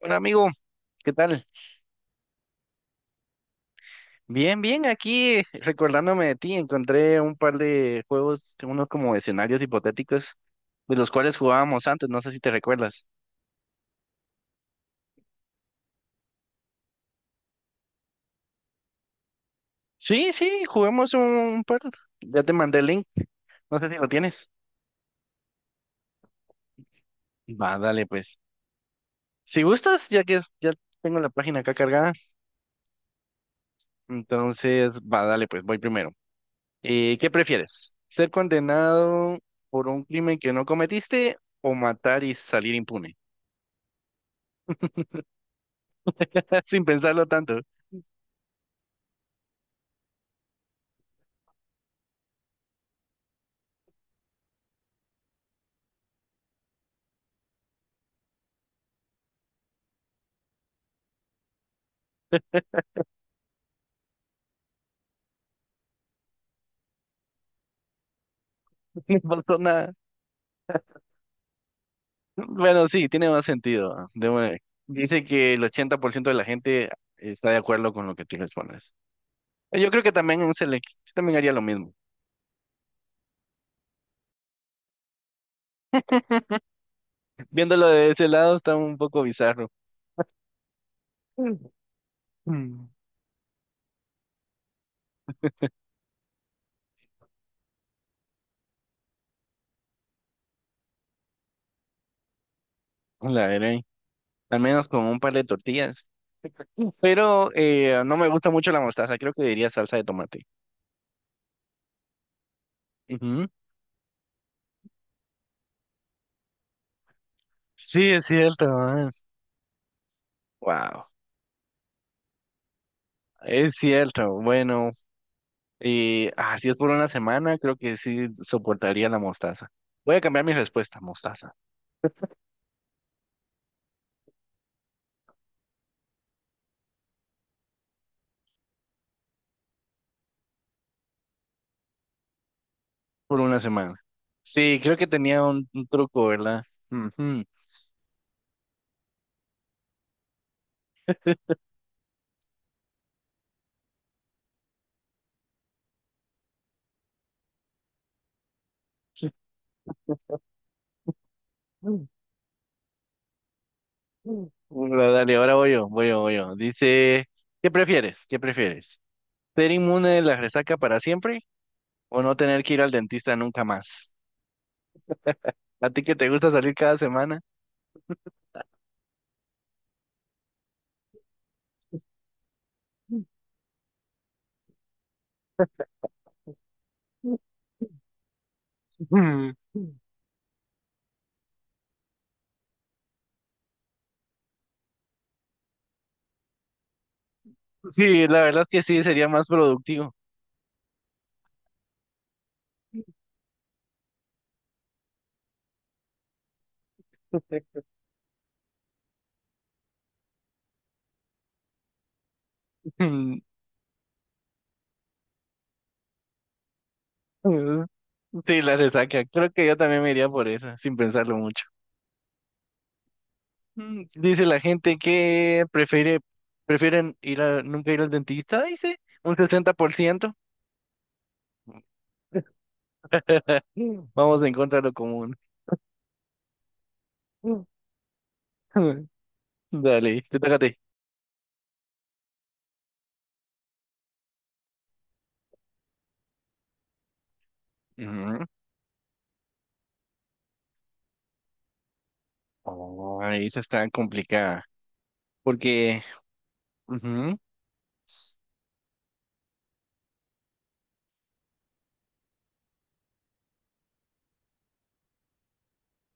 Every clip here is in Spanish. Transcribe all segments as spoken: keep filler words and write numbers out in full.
Hola amigo, ¿qué tal? Bien, bien, aquí recordándome de ti, encontré un par de juegos, unos como escenarios hipotéticos, de los cuales jugábamos antes, no sé si te recuerdas. Sí, sí, juguemos un par, ya te mandé el link, no sé si lo tienes. Va, dale pues. Si gustas, ya que es- ya tengo la página acá cargada, entonces va, dale pues, voy primero. Eh, ¿qué prefieres? ¿Ser condenado por un crimen que no cometiste o matar y salir impune? Sin pensarlo tanto. No pasó nada. Bueno, sí, tiene más sentido. Ah, de una vez. Dice que el ochenta por ciento de la gente está de acuerdo con lo que tú respondes. Yo creo que también se le, yo también haría lo mismo. Viéndolo de ese lado está un poco bizarro. Mm. La veré. Al menos con un par de tortillas. Pero eh, no me gusta mucho la mostaza. Creo que diría salsa de tomate. Ujú. Sí, es cierto. Wow. Es cierto. Bueno, y ah, si es por una semana, creo que sí soportaría la mostaza. Voy a cambiar mi respuesta, mostaza, por una semana. Sí, creo que tenía un, un truco, ¿verdad? Ujú. Mm, mm. Bueno, dale, ahora voy yo, voy yo, voy yo. Dice, ¿qué prefieres? ¿Qué prefieres? ¿Ser inmune de la resaca para siempre o no tener que ir al dentista nunca más? ¿A ti que te gusta salir cada semana? Sí, la verdad es que sí, sería más productivo. Mm, sí, la resaca. Creo que yo también me iría por esa, sin pensarlo mucho. Mm, Dice la gente que prefiere, prefieren ir a, nunca ir al dentista, dice, un sesenta por ciento. Vamos en contra de lo común. Dale, te toca a ti. Ujú. Oh, eso está complicada. Porque, ujú,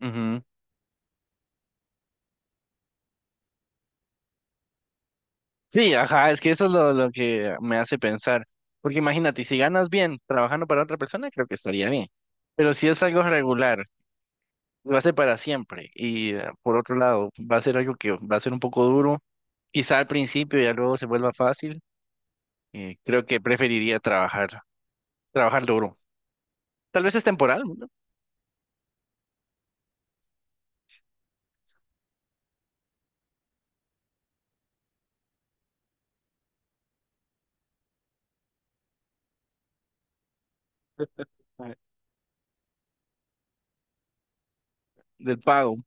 ujú. Sí, ajá, es que eso es lo, lo que me hace pensar. Porque imagínate, si ganas bien trabajando para otra persona, creo que estaría bien. Pero si es algo regular, va a ser para siempre. Y eh, por otro lado, va a ser algo que va a ser un poco duro. Quizá al principio ya luego se vuelva fácil. eh, creo que preferiría trabajar, trabajar duro. Tal vez es temporal, ¿no? Ah, del pago.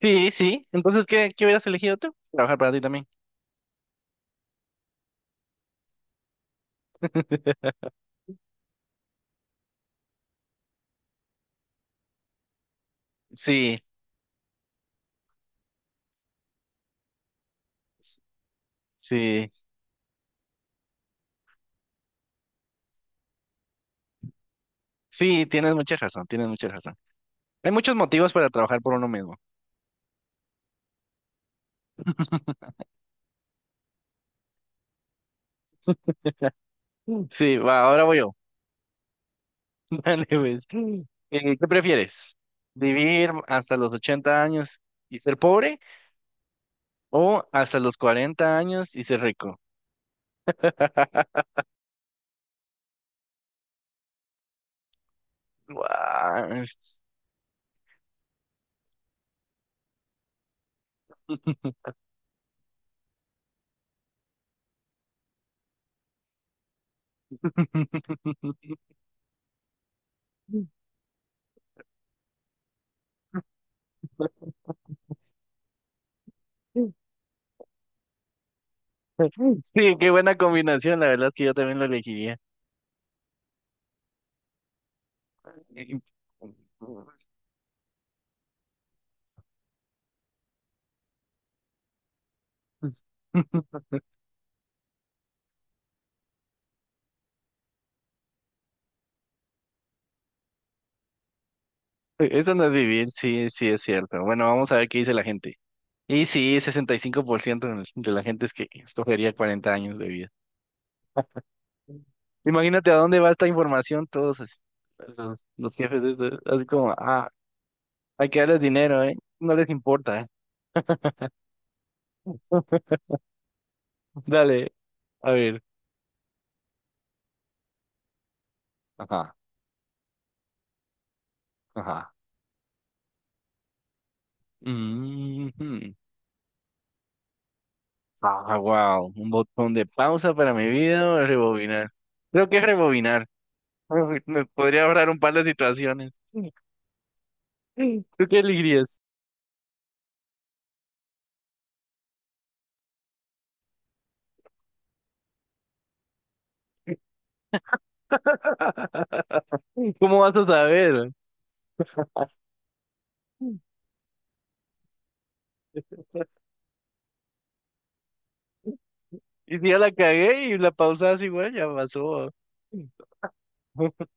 Sí, sí. Entonces, ¿qué, ¿qué hubieras elegido tú? Trabajar para ti también. Sí, sí. Sí, tienes mucha razón, tienes mucha razón. Hay muchos motivos para trabajar por uno mismo. Mm. Sí, va, ahora voy yo. Dale, pues. Mm. Eh, ¿Qué prefieres? ¿Vivir hasta los ochenta años y ser pobre? O hasta los cuarenta años y ser rico. Guau. Sí, qué buena combinación. La verdad es que yo también lo elegiría. Eso no es vivir, sí, sí es cierto. Bueno, vamos a ver qué dice la gente. Y sí, sesenta y cinco por ciento de de la gente es que escogería cuarenta años de vida. Imagínate a dónde va esta información, todos así, los, los jefes, de- de- así como, ah, hay que darles dinero, ¿eh? No les importa, ¿eh? Dale, a ver. Ajá, ajá. Mhm. Ah, wow. Un botón de pausa para mi vida o rebobinar. Creo que es rebobinar. Me podría ahorrar un par de situaciones. ¿Tú qué elegirías? ¿Cómo vas a saber? Y si ya la cagué y la pausas igual, ya pasó.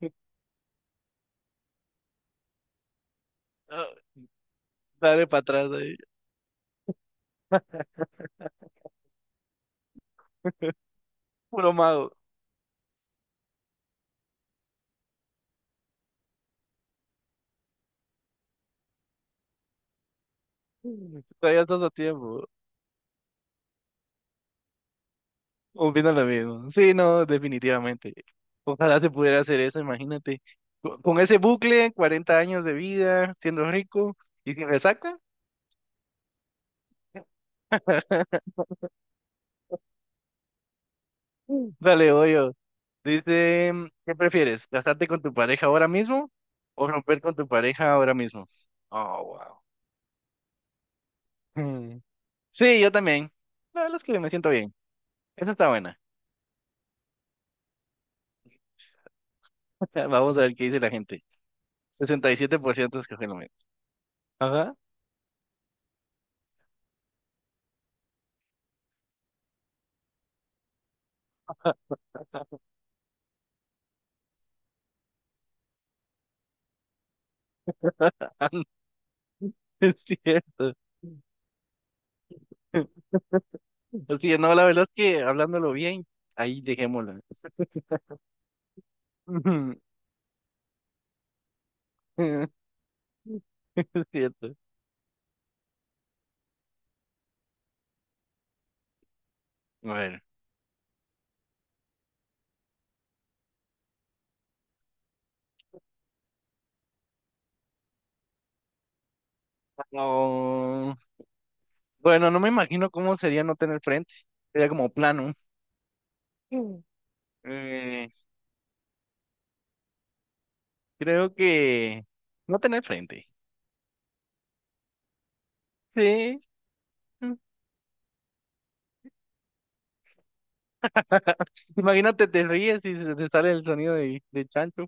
Ah, dale para atrás ahí. Puro mago. Todavía estás a tiempo. Opino lo mismo. Sí, no, definitivamente. Ojalá se pudiera hacer eso, imagínate. Co- Con ese bucle, cuarenta años de vida, siendo rico y sin resaca. Dale, voy yo. Dice, ¿qué prefieres? ¿Casarte con tu pareja ahora mismo o romper con tu pareja ahora mismo? Oh, wow. Hmm. Sí, yo también. La verdad es que me siento bien. Esa está buena. Vamos a ver qué dice la gente. Sesenta y siete por ciento escoge lo mismo. Ajá, es cierto. Sí, no, la verdad es que hablándolo bien, ahí dejémoslo. Es cierto. Bueno. Oh, bueno, no me imagino cómo sería no tener frente. Sería como plano. Mm. Eh, creo que no tener frente. Sí. Imagínate, te ríes y se te sale el sonido de, de chancho.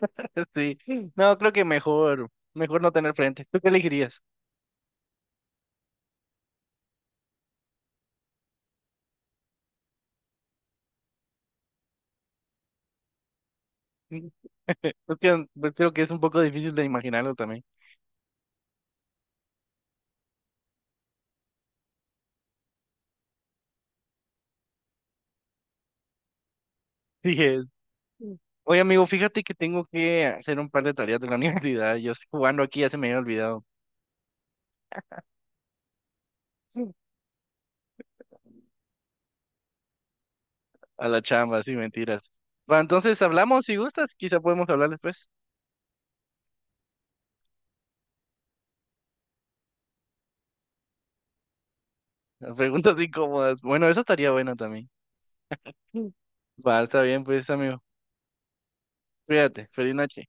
Sí. No, creo que mejor, mejor no tener frente. ¿Tú qué elegirías? Creo que pues, creo que es un poco difícil de imaginarlo también. Sí, mm. Oye, amigo, fíjate que tengo que hacer un par de tareas de la universidad. Yo estoy jugando aquí, ya se me había olvidado. Mm. A la chamba, sí, mentiras. Va, entonces hablamos si gustas, quizá podemos hablar después. Las preguntas incómodas. Bueno, eso estaría bueno también. Mm. Va, está bien, pues, amigo. Cuídate, feliz noche.